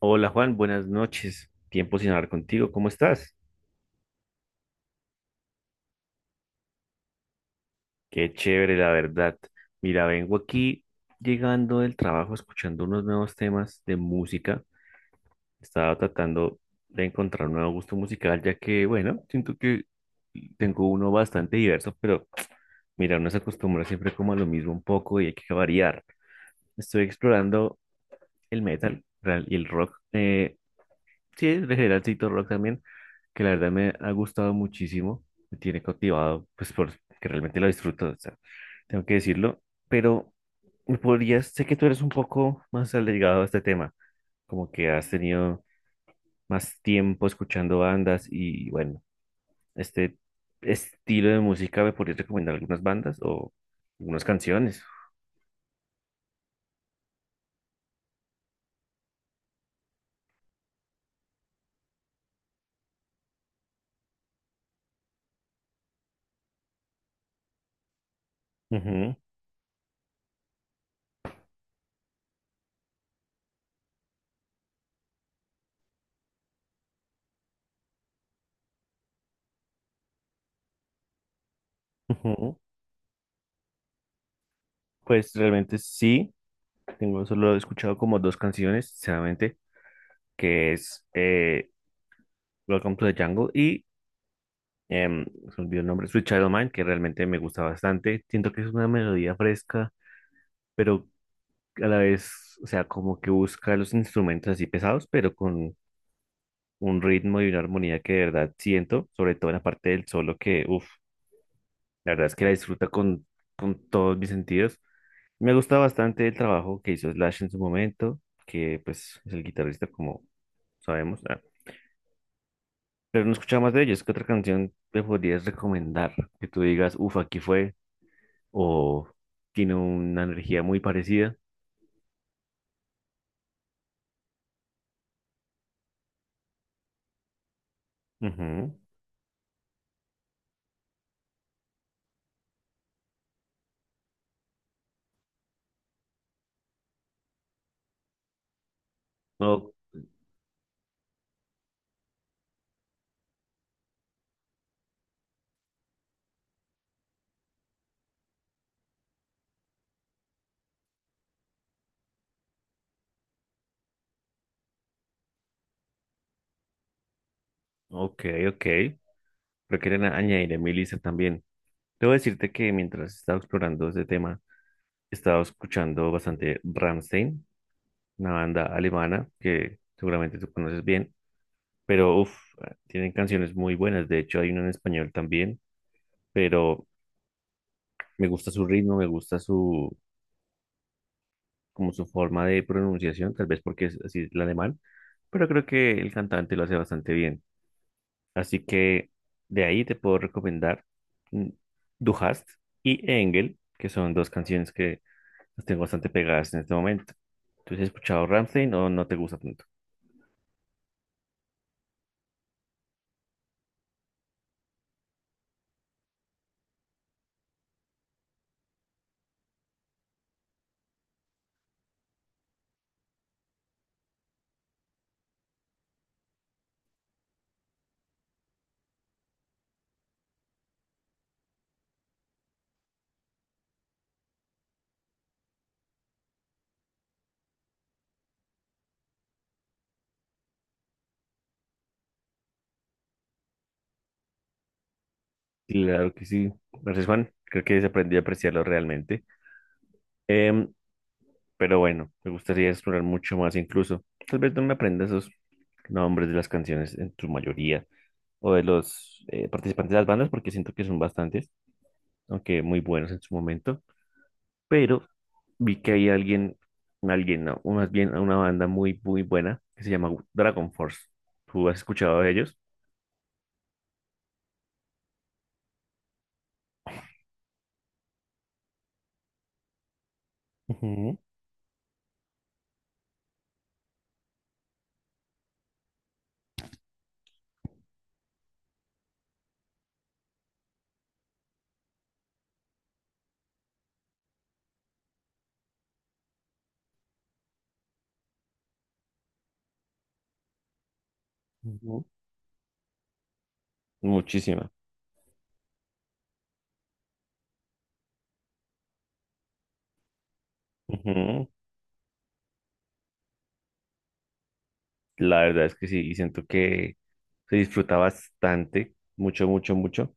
Hola Juan, buenas noches. Tiempo sin hablar contigo. ¿Cómo estás? Qué chévere, la verdad. Mira, vengo aquí llegando del trabajo escuchando unos nuevos temas de música. Estaba tratando de encontrar un nuevo gusto musical, ya que, bueno, siento que tengo uno bastante diverso, pero mira, uno se acostumbra siempre como a lo mismo un poco y hay que variar. Estoy explorando el metal y el rock. Sí, en general sí, Rock también, que la verdad me ha gustado muchísimo, me tiene cautivado, pues porque realmente lo disfruto, o sea, tengo que decirlo, pero me podrías, sé que tú eres un poco más allegado a este tema, como que has tenido más tiempo escuchando bandas y bueno, este estilo de música, ¿me podrías recomendar algunas bandas o algunas canciones? Ujú, ujú. Pues realmente sí, tengo solo he escuchado como dos canciones, sinceramente, que es Welcome to the Jungle y se me olvidó el nombre, Sweet Child O' Mine, que realmente me gusta bastante. Siento que es una melodía fresca, pero a la vez, o sea, como que busca los instrumentos así pesados, pero con un ritmo y una armonía que de verdad siento, sobre todo en la parte del solo, que uff, la verdad es que la disfruta con todos mis sentidos. Me gusta bastante el trabajo que hizo Slash en su momento, que pues es el guitarrista, como sabemos. Pero no escuchaba más de ellos. ¿Qué otra canción te podrías recomendar? Que tú digas, uff, aquí fue. O tiene una energía muy parecida. Ujú. O- ok, ok. Pero quieren añadir a mi lista también. Debo decirte que mientras estaba explorando este tema, estaba escuchando bastante Rammstein, una banda alemana que seguramente tú conoces bien. Pero uff, tienen canciones muy buenas. De hecho, hay una en español también. Pero me gusta su ritmo, me gusta su como su forma de pronunciación, tal vez porque es así el alemán, pero creo que el cantante lo hace bastante bien. Así que de ahí te puedo recomendar mm, Du hast y Engel, que son dos canciones que las tengo bastante pegadas en este momento. ¿Tú has escuchado Rammstein o no te gusta tanto? Claro que sí. Gracias, Juan. Creo que se aprendió a apreciarlo realmente. Em, pero bueno, me gustaría explorar mucho más incluso. Tal vez no me aprenda esos nombres de las canciones en su mayoría, o de los participantes de las bandas, porque siento que son bastantes, aunque muy buenos en su momento, pero vi que hay alguien, alguien, no, o más bien una banda muy, muy buena que se llama Dragon Force. ¿Tú has escuchado de ellos? Ujú, ujú. Muchísima. Ujú. La verdad es que sí, y siento que se disfruta bastante, mucho, mucho, mucho,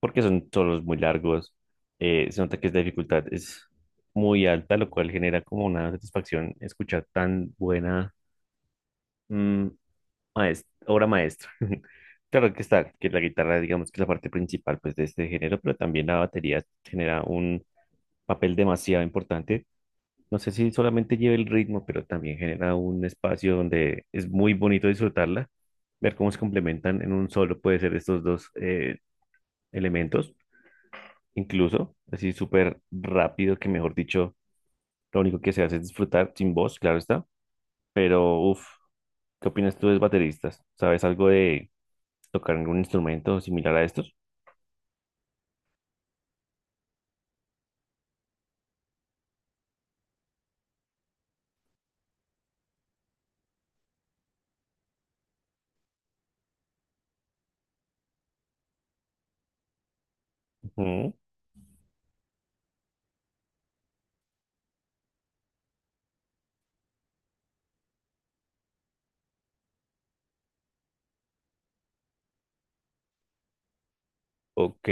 porque son solos muy largos, se nota que la dificultad es muy alta, lo cual genera como una satisfacción escuchar tan buena. Mm. Obra maestra. Claro que está, que la guitarra, digamos que es la parte principal pues, de este género, pero también la batería genera un papel demasiado importante. No sé si solamente lleva el ritmo, pero también genera un espacio donde es muy bonito disfrutarla, ver cómo se complementan en un solo, puede ser estos dos elementos, incluso así súper rápido, que mejor dicho, lo único que se hace es disfrutar sin voz, claro está, pero uff, ¿qué opinas tú de los bateristas? ¿Sabes algo de tocar algún instrumento similar a estos? Ujú. Ok.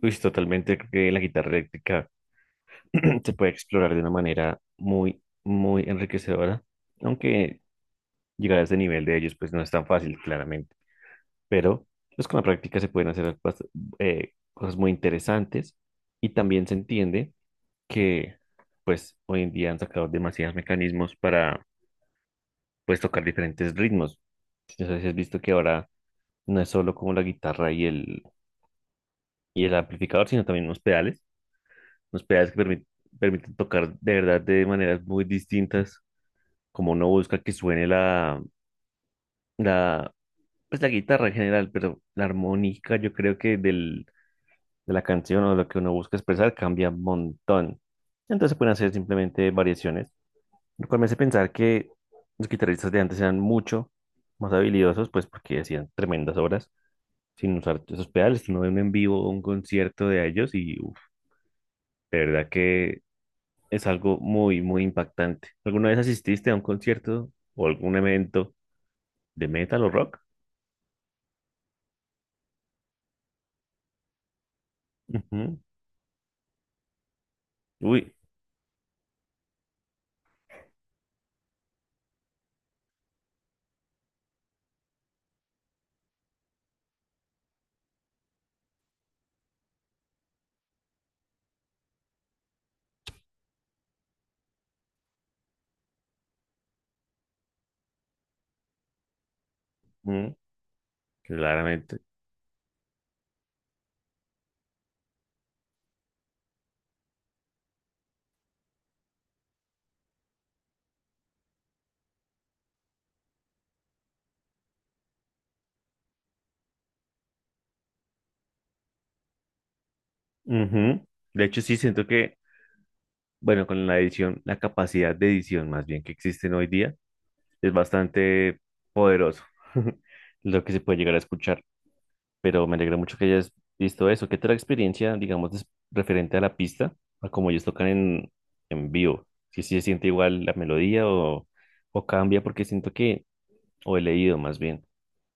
Pues totalmente creo que la guitarra eléctrica se puede explorar de una manera muy, muy enriquecedora. Aunque llegar a ese nivel de ellos, pues no es tan fácil, claramente. Pero pues con la práctica se pueden hacer cosas muy interesantes. Y también se entiende que, pues hoy en día han sacado demasiados mecanismos para, pues, tocar diferentes ritmos. No sé si has visto que ahora no es solo como la guitarra y el amplificador, sino también unos pedales, unos pedales que permit- permiten tocar de verdad de maneras muy distintas, como uno busca que suene la, la, pues la guitarra en general, pero la armónica yo creo que de la canción o lo que uno busca expresar cambia un montón. Entonces se pueden hacer simplemente variaciones, lo cual me hace pensar que los guitarristas de antes eran mucho más habilidosos, pues porque hacían tremendas obras sin usar esos pedales. Uno ve un en vivo, un concierto de ellos y uf, de verdad que es algo muy, muy impactante. ¿Alguna vez asististe a un concierto o algún evento de metal o rock? Ujú. Uy, ujú, claramente. Ujú. De hecho, sí siento que, bueno, con la edición, la capacidad de edición más bien que existen hoy día, es bastante poderoso lo que se puede llegar a escuchar. Pero me alegra mucho que hayas visto eso. ¿Qué tal la experiencia, digamos, referente a la pista, a cómo ellos tocan en vivo? Si se siente igual la melodía o cambia, porque siento que, o he leído más bien,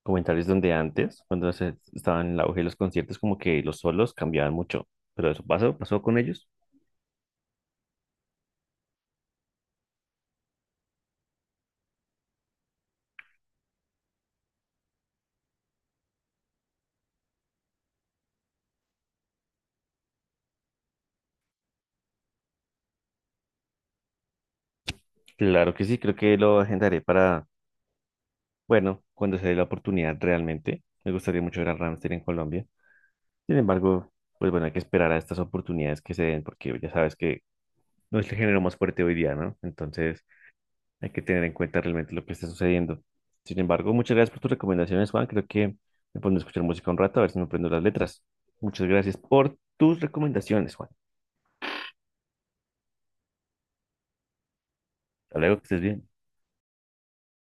comentarios donde antes, cuando se estaban en el auge de los conciertos, como que los solos cambiaban mucho, pero eso pasó, pasó con ellos. Claro que sí, creo que lo agendaré para bueno, cuando se dé la oportunidad realmente, me gustaría mucho ver a Ramstein en Colombia. Sin embargo, pues bueno, hay que esperar a estas oportunidades que se den porque ya sabes que no es el género más fuerte hoy día, ¿no? Entonces hay que tener en cuenta realmente lo que está sucediendo. Sin embargo, muchas gracias por tus recomendaciones, Juan. Creo que me pondré a escuchar música un rato a ver si me aprendo las letras. Muchas gracias por tus recomendaciones, Juan. Hasta luego, que estés bien.